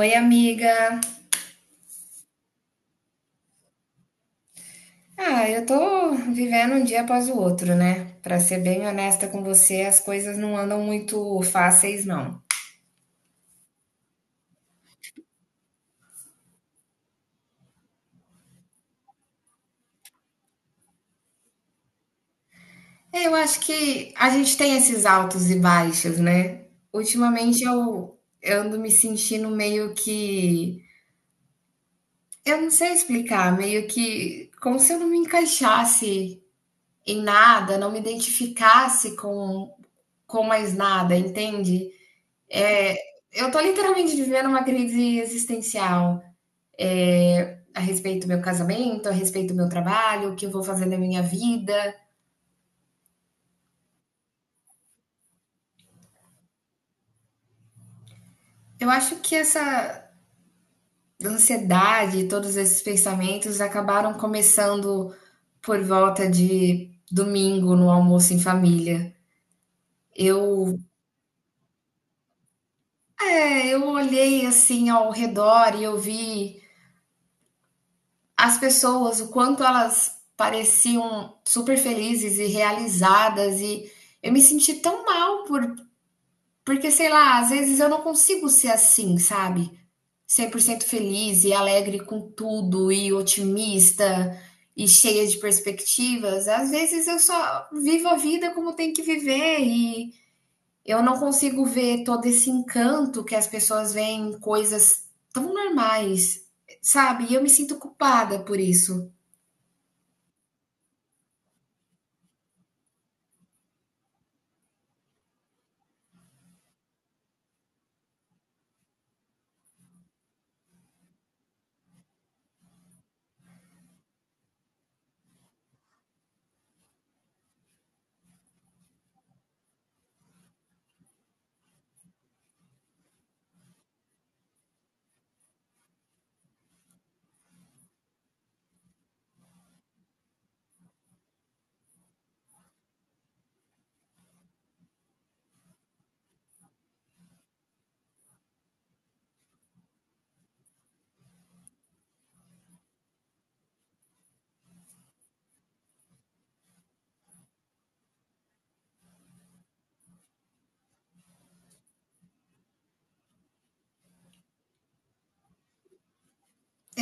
Oi, amiga. Ah, eu tô vivendo um dia após o outro, né? Pra ser bem honesta com você, as coisas não andam muito fáceis, não. É, eu acho que a gente tem esses altos e baixos, né? Ultimamente eu ando me sentindo meio que. Eu não sei explicar, meio que como se eu não me encaixasse em nada, não me identificasse com mais nada, entende? É, eu tô literalmente vivendo uma crise existencial. É, a respeito do meu casamento, a respeito do meu trabalho, o que eu vou fazer na minha vida. Eu acho que essa ansiedade, todos esses pensamentos acabaram começando por volta de domingo no almoço em família. Eu, eu olhei assim ao redor e eu vi as pessoas, o quanto elas pareciam super felizes e realizadas, e eu me senti tão mal porque, sei lá, às vezes eu não consigo ser assim, sabe? 100% feliz e alegre com tudo e otimista e cheia de perspectivas. Às vezes eu só vivo a vida como tem que viver e eu não consigo ver todo esse encanto que as pessoas veem em coisas tão normais, sabe? E eu me sinto culpada por isso.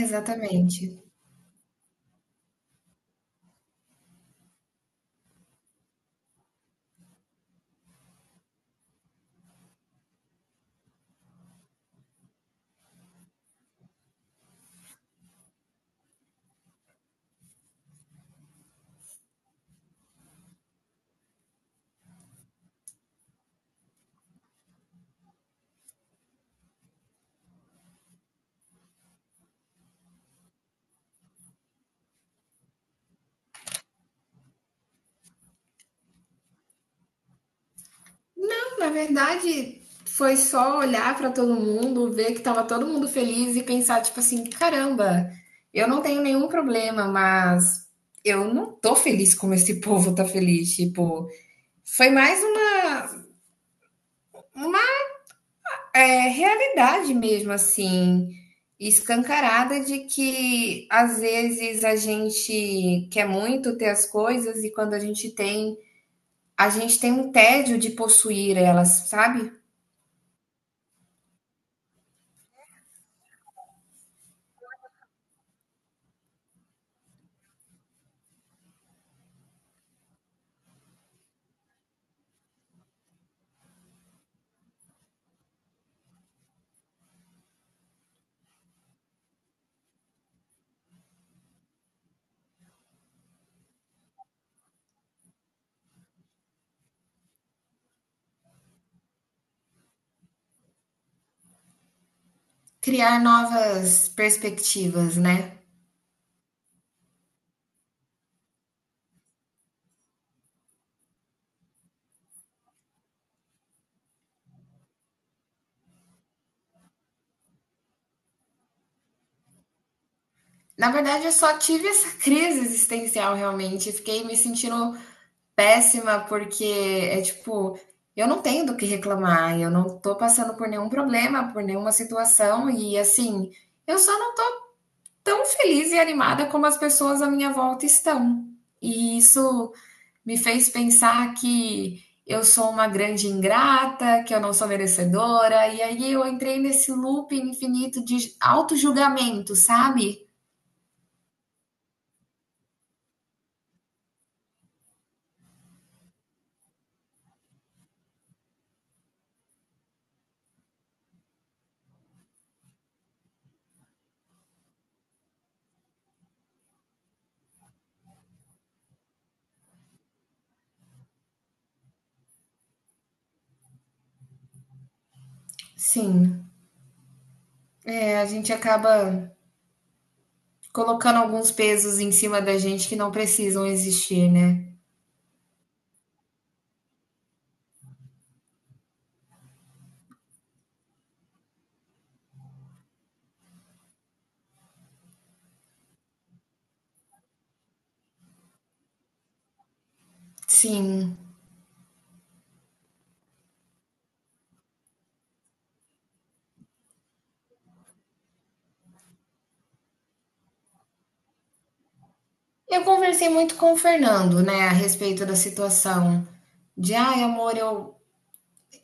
Exatamente. Na verdade, foi só olhar pra todo mundo, ver que tava todo mundo feliz e pensar, tipo assim, caramba, eu não tenho nenhum problema, mas eu não tô feliz como esse povo tá feliz. Tipo, foi mais uma é, realidade mesmo, assim, escancarada de que às vezes a gente quer muito ter as coisas e quando a gente tem um tédio de possuir elas, sabe? Criar novas perspectivas, né? Na verdade, eu só tive essa crise existencial realmente. Fiquei me sentindo péssima, porque é tipo, eu não tenho do que reclamar, eu não tô passando por nenhum problema, por nenhuma situação, e assim, eu só não tô tão feliz e animada como as pessoas à minha volta estão. E isso me fez pensar que eu sou uma grande ingrata, que eu não sou merecedora, e aí eu entrei nesse loop infinito de auto-julgamento, sabe? Sim, é, a gente acaba colocando alguns pesos em cima da gente que não precisam existir, né? Sim. Eu conversei muito com o Fernando, né, a respeito da situação. De, ai, amor,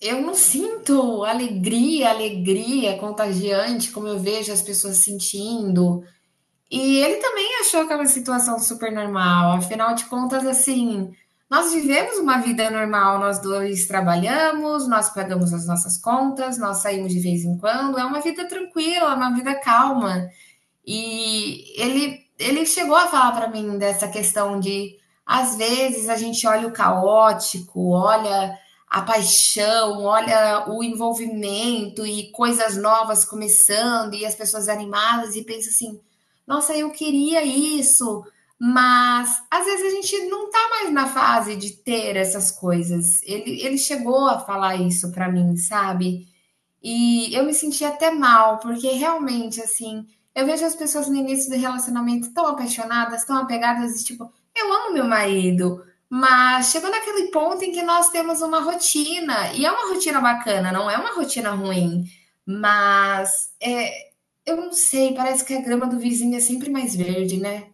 eu não sinto alegria, alegria contagiante, como eu vejo as pessoas sentindo. E ele também achou que é uma situação super normal. Afinal de contas, assim, nós vivemos uma vida normal, nós dois trabalhamos, nós pagamos as nossas contas, nós saímos de vez em quando, é uma vida tranquila, é uma vida calma. E ele chegou a falar para mim dessa questão de, às vezes, a gente olha o caótico, olha a paixão, olha o envolvimento e coisas novas começando e as pessoas animadas e pensa assim: nossa, eu queria isso, mas às vezes a gente não tá mais na fase de ter essas coisas. Ele chegou a falar isso para mim, sabe? E eu me senti até mal, porque realmente, assim, eu vejo as pessoas no início do relacionamento tão apaixonadas, tão apegadas, e tipo, eu amo meu marido, mas chegou naquele ponto em que nós temos uma rotina, e é uma rotina bacana, não é uma rotina ruim, mas é, eu não sei, parece que a grama do vizinho é sempre mais verde, né?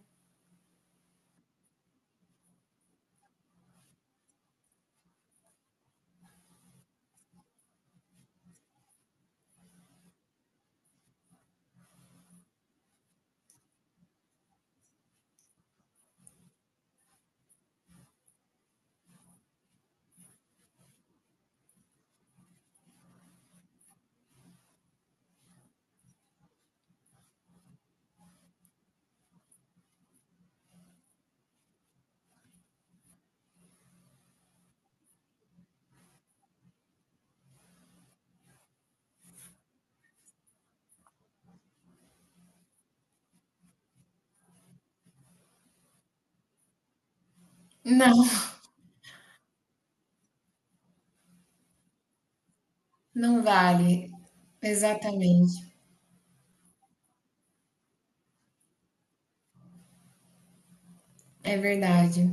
Não, não vale. Exatamente. É verdade.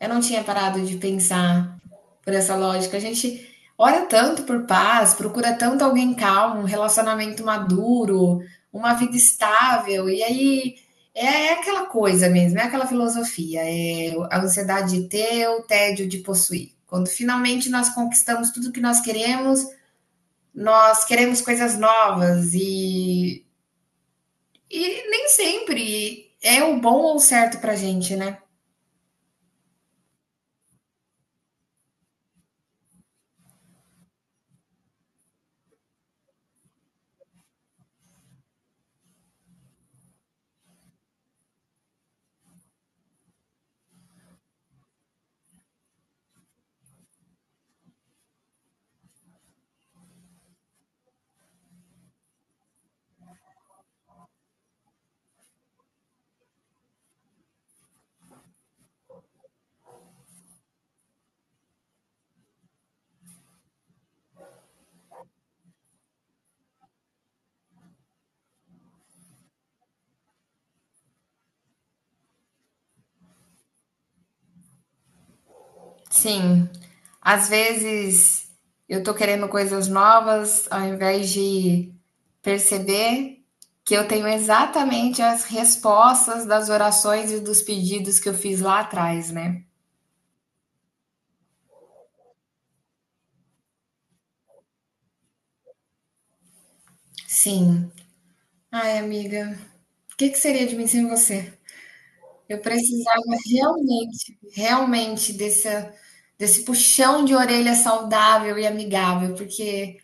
Eu não tinha parado de pensar por essa lógica. A gente ora tanto por paz, procura tanto alguém calmo, um relacionamento maduro, uma vida estável, e aí é aquela coisa mesmo, é aquela filosofia, é a ansiedade de ter, o tédio de possuir. Quando finalmente nós conquistamos tudo que nós queremos coisas novas e nem sempre é o bom ou o certo pra gente, né? Sim. Às vezes eu tô querendo coisas novas, ao invés de perceber que eu tenho exatamente as respostas das orações e dos pedidos que eu fiz lá atrás, né? Sim. Ai, amiga, o que que seria de mim sem você? Eu precisava realmente, realmente desse, desse puxão de orelha saudável e amigável, porque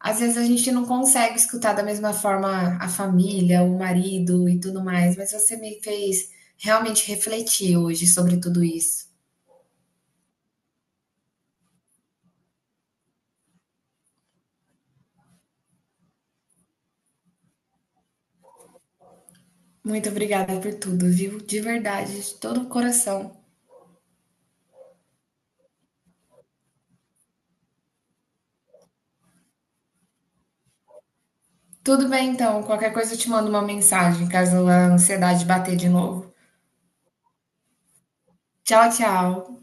às vezes a gente não consegue escutar da mesma forma a família, o marido e tudo mais, mas você me fez realmente refletir hoje sobre tudo isso. Muito obrigada por tudo, viu? De verdade, de todo o coração. Tudo bem então, qualquer coisa eu te mando uma mensagem caso a ansiedade bater de novo. Tchau, tchau.